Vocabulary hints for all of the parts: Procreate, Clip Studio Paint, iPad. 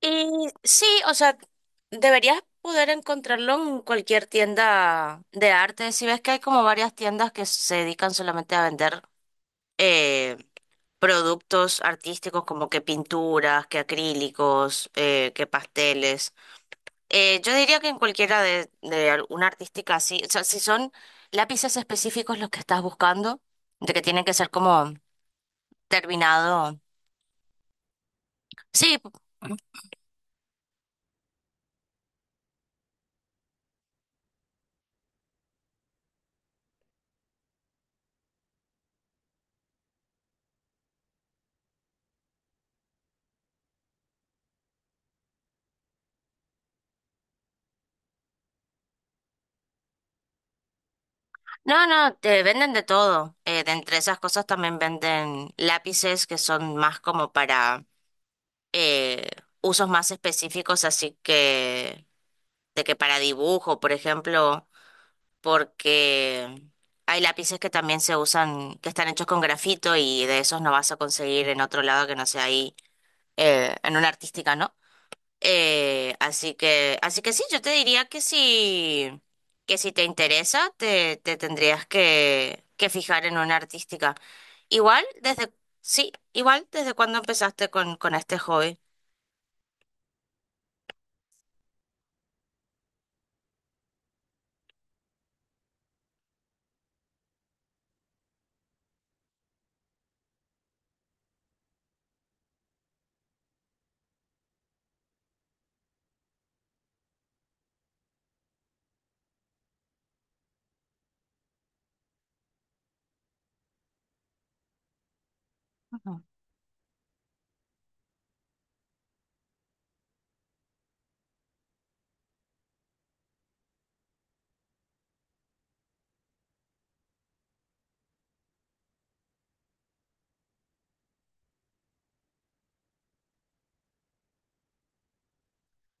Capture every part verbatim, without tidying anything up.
Y sí, o sea, deberías poder encontrarlo en cualquier tienda de arte. Si ves que hay como varias tiendas que se dedican solamente a vender eh, productos artísticos como que pinturas, que acrílicos, eh, que pasteles. Eh, yo diría que en cualquiera de, de alguna artística así, o sea, si son lápices específicos los que estás buscando, de que tienen que ser como terminado. Sí, no, no, te venden de todo. Eh, de entre esas cosas también venden lápices que son más como para eh, usos más específicos, así que de que para dibujo, por ejemplo, porque hay lápices que también se usan, que están hechos con grafito y de esos no vas a conseguir en otro lado que no sea ahí, eh, en una artística, ¿no? Eh, así que, así que sí, yo te diría que si, que si te interesa, te, te tendrías que, que fijar en una artística. Igual, desde, sí, igual, desde cuando empezaste con, con este hobby. Ujú.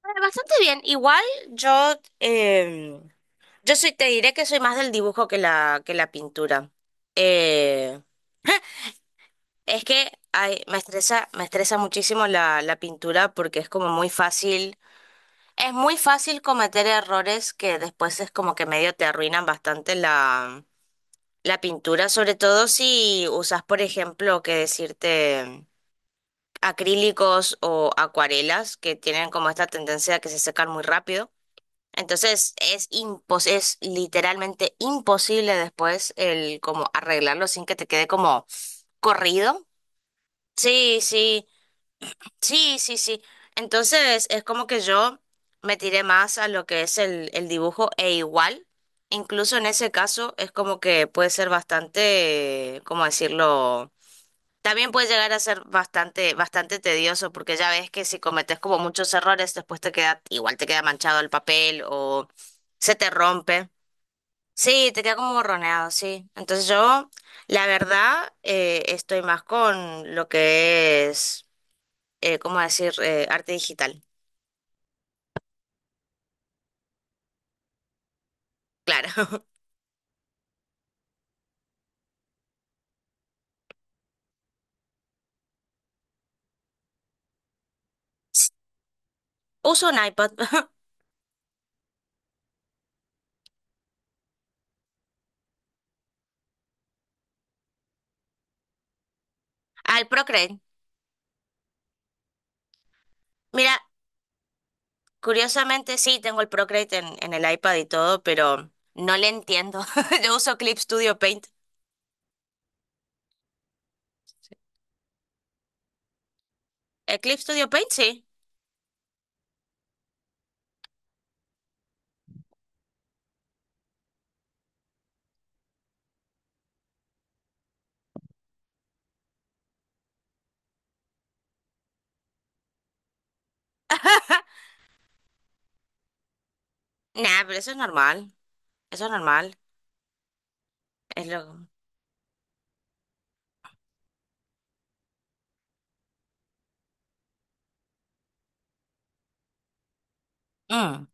Eh, Bastante bien. Igual yo, eh, yo soy, te diré que soy más del dibujo que la, que la pintura. Eh, es que ay, me estresa, me estresa muchísimo la, la pintura porque es como muy fácil. Es muy fácil cometer errores que después es como que medio te arruinan bastante la, la pintura, sobre todo si usas, por ejemplo, que decirte acrílicos o acuarelas que tienen como esta tendencia a que se secan muy rápido. Entonces es impos, es literalmente imposible después el como arreglarlo sin que te quede como corrido. Sí, sí. Sí, sí, sí. Entonces es como que yo me tiré más a lo que es el, el dibujo e igual, incluso en ese caso es como que puede ser bastante, ¿cómo decirlo? También puede llegar a ser bastante, bastante tedioso porque ya ves que si cometes como muchos errores después te queda, igual te queda manchado el papel o se te rompe. Sí, te queda como borroneado, sí. Entonces yo, la verdad, eh, estoy más con lo que es eh, ¿cómo decir? Eh, arte digital, claro. Uso un iPad, al Procreate. Mira, curiosamente sí, tengo el Procreate en, en el iPad y todo, pero no le entiendo. Yo uso Clip Studio Paint. ¿El Clip Studio Paint? Sí. Nah, pero eso es normal. Eso es normal. Es lo... Mm.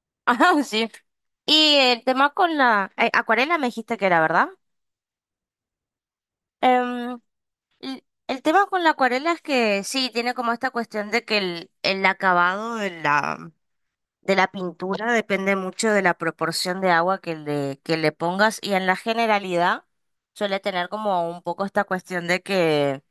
Ajá, sí. Y el tema con la eh, acuarela me dijiste que era, ¿verdad? Em, l- el tema con la acuarela es que sí, tiene como esta cuestión de que el, el acabado de la, de la pintura depende mucho de la proporción de agua que le, que le pongas, y en la generalidad suele tener como un poco esta cuestión de que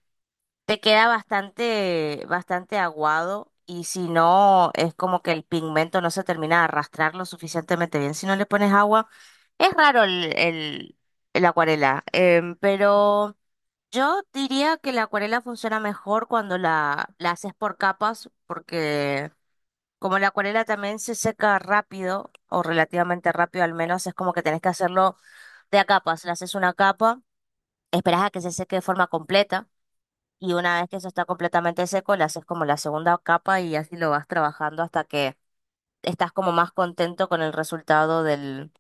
te queda bastante, bastante aguado, y si no es como que el pigmento no se termina de arrastrar lo suficientemente bien si no le pones agua. Es raro el, el, el acuarela, em, pero yo diría que la acuarela funciona mejor cuando la, la haces por capas porque... Como la acuarela también se seca rápido, o relativamente rápido al menos, es como que tenés que hacerlo de a capas. Le haces una capa, esperás a que se seque de forma completa, y una vez que eso está completamente seco, le haces como la segunda capa y así lo vas trabajando hasta que estás como más contento con el resultado del,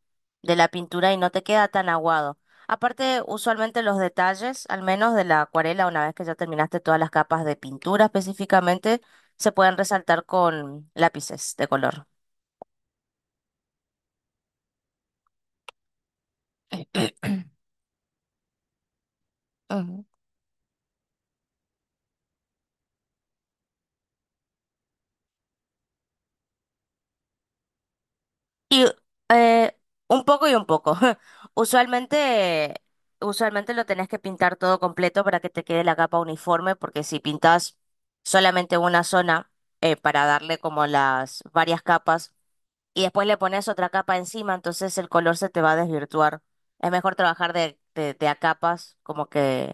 de la pintura y no te queda tan aguado. Aparte, usualmente los detalles, al menos de la acuarela, una vez que ya terminaste todas las capas de pintura específicamente, se pueden resaltar con lápices de color. Ujú. Y eh, un poco y un poco. Usualmente, usualmente lo tenés que pintar todo completo para que te quede la capa uniforme, porque si pintas solamente una zona, eh, para darle como las varias capas, y después le pones otra capa encima, entonces el color se te va a desvirtuar. Es mejor trabajar de, de, de a capas, como que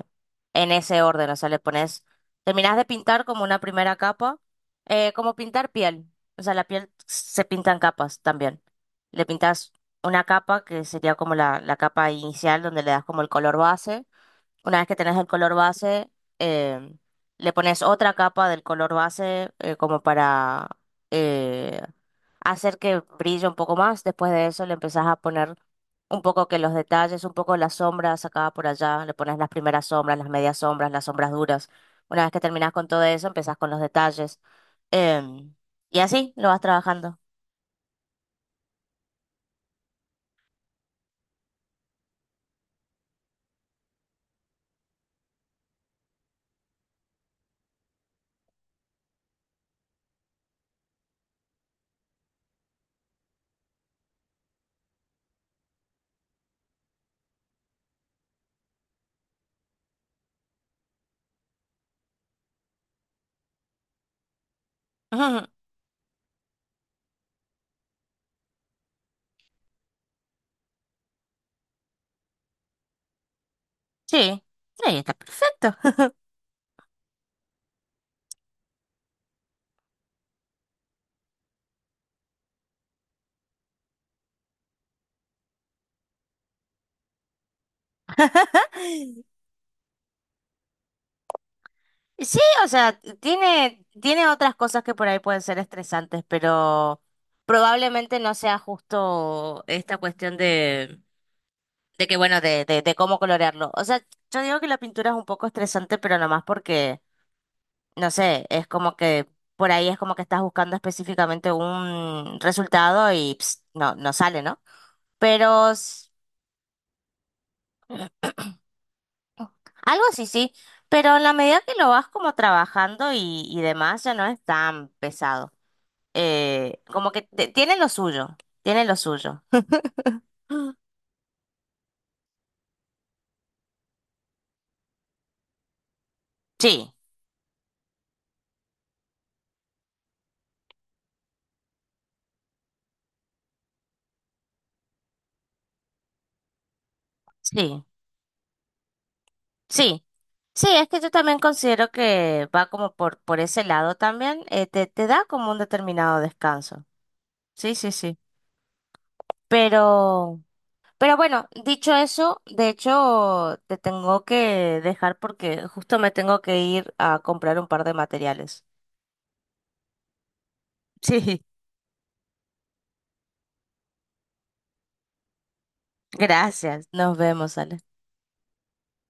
en ese orden, o sea, le pones, terminás de pintar como una primera capa, eh, como pintar piel, o sea, la piel se pinta en capas también. Le pintas una capa que sería como la, la capa inicial donde le das como el color base. Una vez que tenés el color base, eh, le pones otra capa del color base eh, como para eh, hacer que brille un poco más. Después de eso le empezás a poner un poco que los detalles, un poco las sombras acá por allá. Le pones las primeras sombras, las medias sombras, las sombras duras. Una vez que terminás con todo eso, empezás con los detalles. Em, y así lo vas trabajando. Ujú. Sí, sí, está perfecto. Sí, o sea, tiene, tiene otras cosas que por ahí pueden ser estresantes, pero probablemente no sea justo esta cuestión de, de que, bueno, de, de, de cómo colorearlo. O sea, yo digo que la pintura es un poco estresante, pero nomás porque, no sé, es como que por ahí es como que estás buscando específicamente un resultado y ps, no, no sale, ¿no? Pero s- Algo así, sí, pero en la medida que lo vas como trabajando y, y demás, ya no es tan pesado. Eh, como que te- tiene lo suyo, tiene lo suyo. Sí, sí, sí. Sí, es que yo también considero que va como por, por ese lado también, eh, te, te da como un determinado descanso. Sí, sí, sí. Pero, pero bueno, dicho eso, de hecho, te tengo que dejar porque justo me tengo que ir a comprar un par de materiales. Sí, gracias. Nos vemos, Ale.